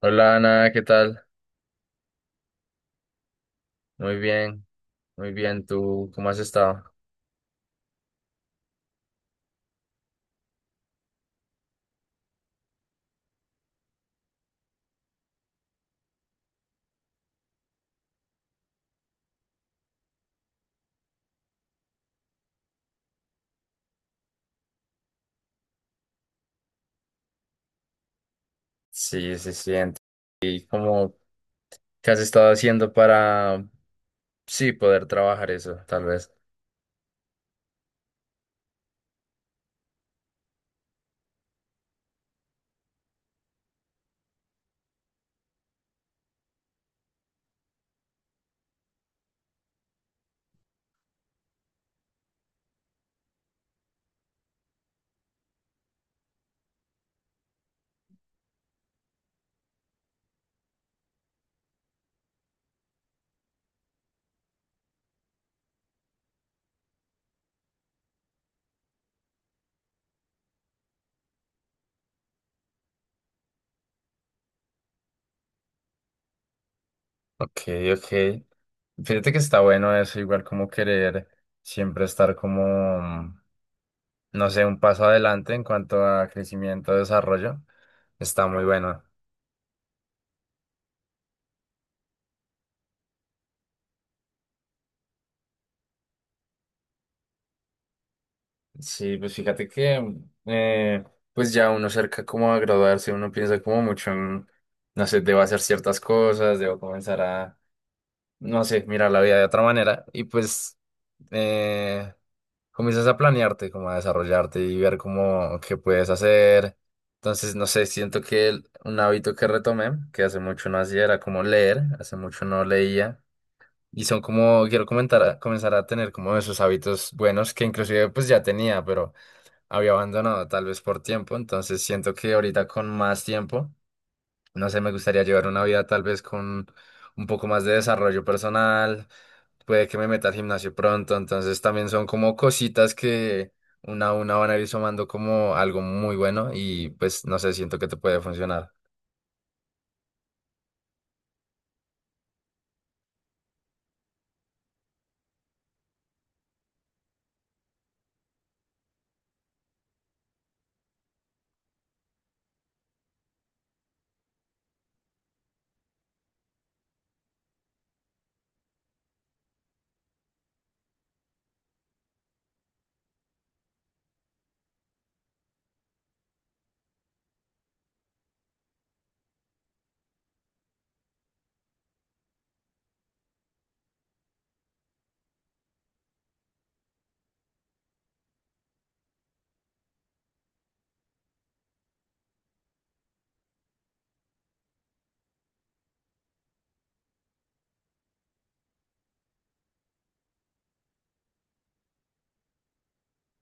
Hola Ana, ¿qué tal? Muy bien, muy bien. ¿Tú cómo has estado? Sí, sí, sí. ¿Y cómo, qué has estado haciendo para, sí, poder trabajar eso, tal vez? Ok, ok. Fíjate que está bueno eso, igual como querer siempre estar como, no sé, un paso adelante en cuanto a crecimiento, desarrollo. Está muy bueno. Sí, pues fíjate que, eh, pues ya uno cerca como a graduarse, uno piensa como mucho en, no sé, debo hacer ciertas cosas, debo comenzar a, no sé, mirar la vida de otra manera y pues eh, comienzas a planearte, como a desarrollarte y ver como qué puedes hacer. Entonces, no sé, siento que un hábito que retomé, que hace mucho no hacía, era como leer, hace mucho no leía. Y son como, quiero comentar, comenzar a tener como esos hábitos buenos que inclusive pues ya tenía, pero había abandonado tal vez por tiempo, entonces siento que ahorita con más tiempo, no sé, me gustaría llevar una vida tal vez con un poco más de desarrollo personal, puede que me meta al gimnasio pronto, entonces también son como cositas que una a una van a ir sumando como algo muy bueno y pues no sé, siento que te puede funcionar.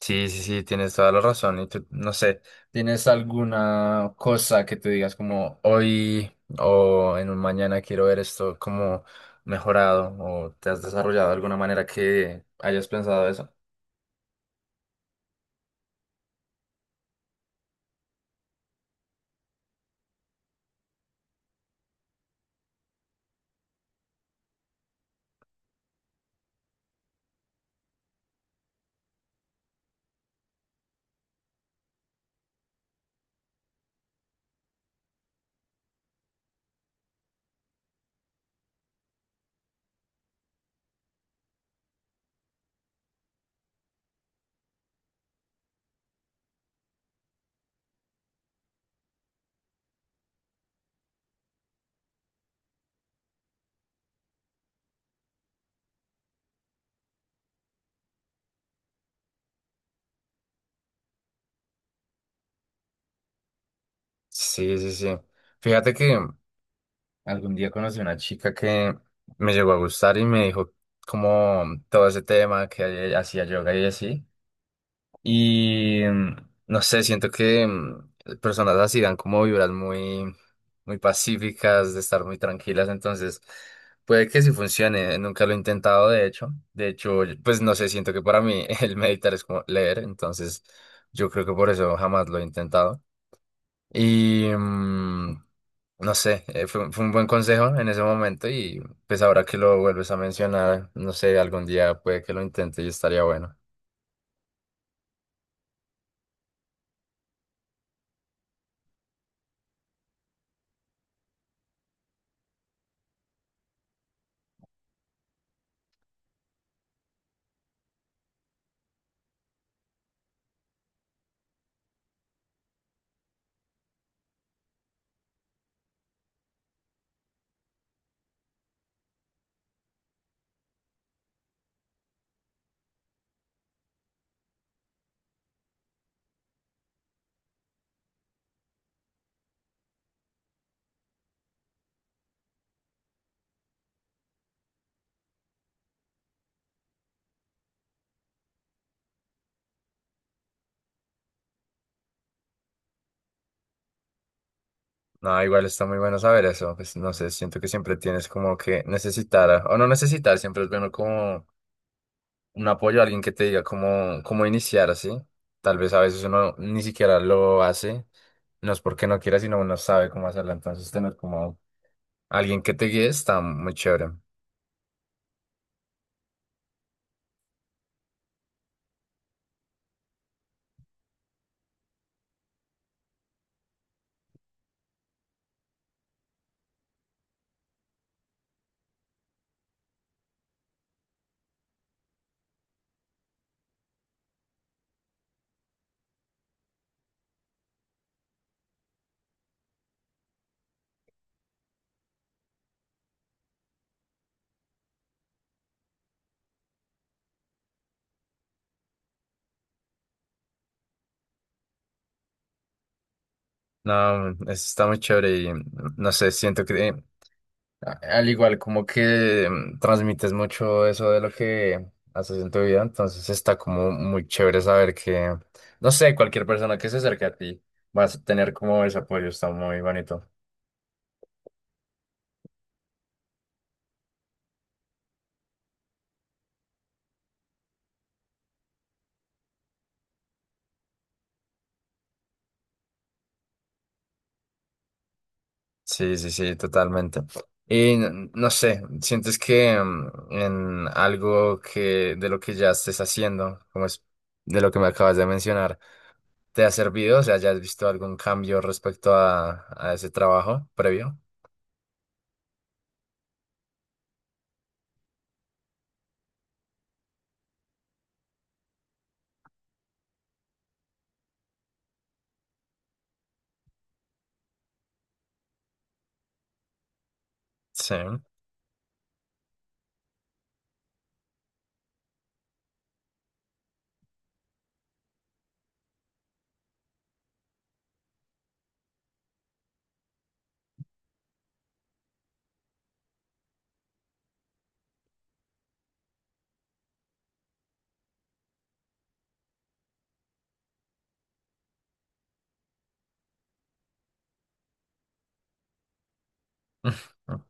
Sí, sí, sí, tienes toda la razón. Y tú, no sé, ¿tienes alguna cosa que tú digas como hoy o en un mañana quiero ver esto como mejorado o te has desarrollado de alguna manera que hayas pensado eso? Sí, sí, sí. Fíjate que algún día conocí una chica que me llegó a gustar y me dijo como todo ese tema que hacía yoga y así. Y no sé, siento que personas así dan como vibras muy, muy pacíficas, de estar muy tranquilas, entonces puede que sí funcione, nunca lo he intentado de hecho, pues no sé, siento que para mí el meditar es como leer, entonces yo creo que por eso jamás lo he intentado. Y no sé, fue un buen consejo en ese momento y pues ahora que lo vuelves a mencionar, no sé, algún día puede que lo intente y estaría bueno. No, igual está muy bueno saber eso. Pues no sé, siento que siempre tienes como que necesitar, o no necesitar, siempre es bueno como un apoyo, alguien que te diga cómo, cómo iniciar así. Tal vez a veces uno ni siquiera lo hace, no es porque no quiera, sino uno sabe cómo hacerlo. Entonces tener como alguien que te guíe está muy chévere. No, eso está muy chévere y no sé, siento que Al igual, como que transmites mucho eso de lo que haces en tu vida, entonces está como muy chévere saber que, no sé, cualquier persona que se acerque a ti vas a tener como ese apoyo, está muy bonito. Sí, sí, sí, totalmente. Y no sé, ¿sientes que en algo que de lo que ya estés haciendo, como es de lo que me acabas de mencionar, te ha servido? O sea, ¿ya has visto algún cambio respecto a ese trabajo previo? Sí.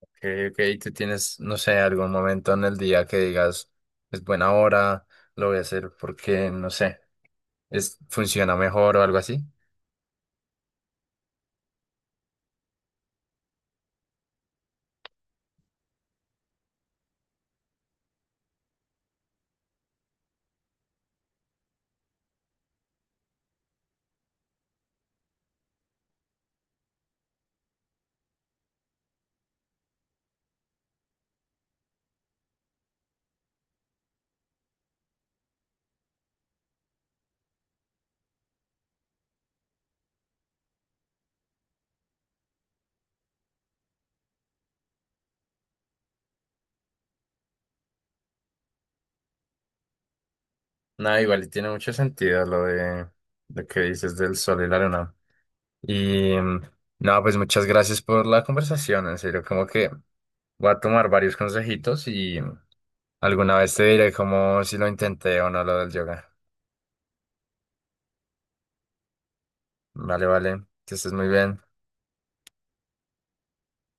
Ok, ok, tú tienes, no sé, algún momento en el día que digas, es buena hora, lo voy a hacer porque, no sé, es, funciona mejor o algo así. Nada, igual y tiene mucho sentido lo de lo que dices del sol y la luna. Y nada, pues muchas gracias por la conversación, en serio, como que voy a tomar varios consejitos y alguna vez te diré como si lo intenté o no lo del yoga. Vale, vale, que estés muy bien.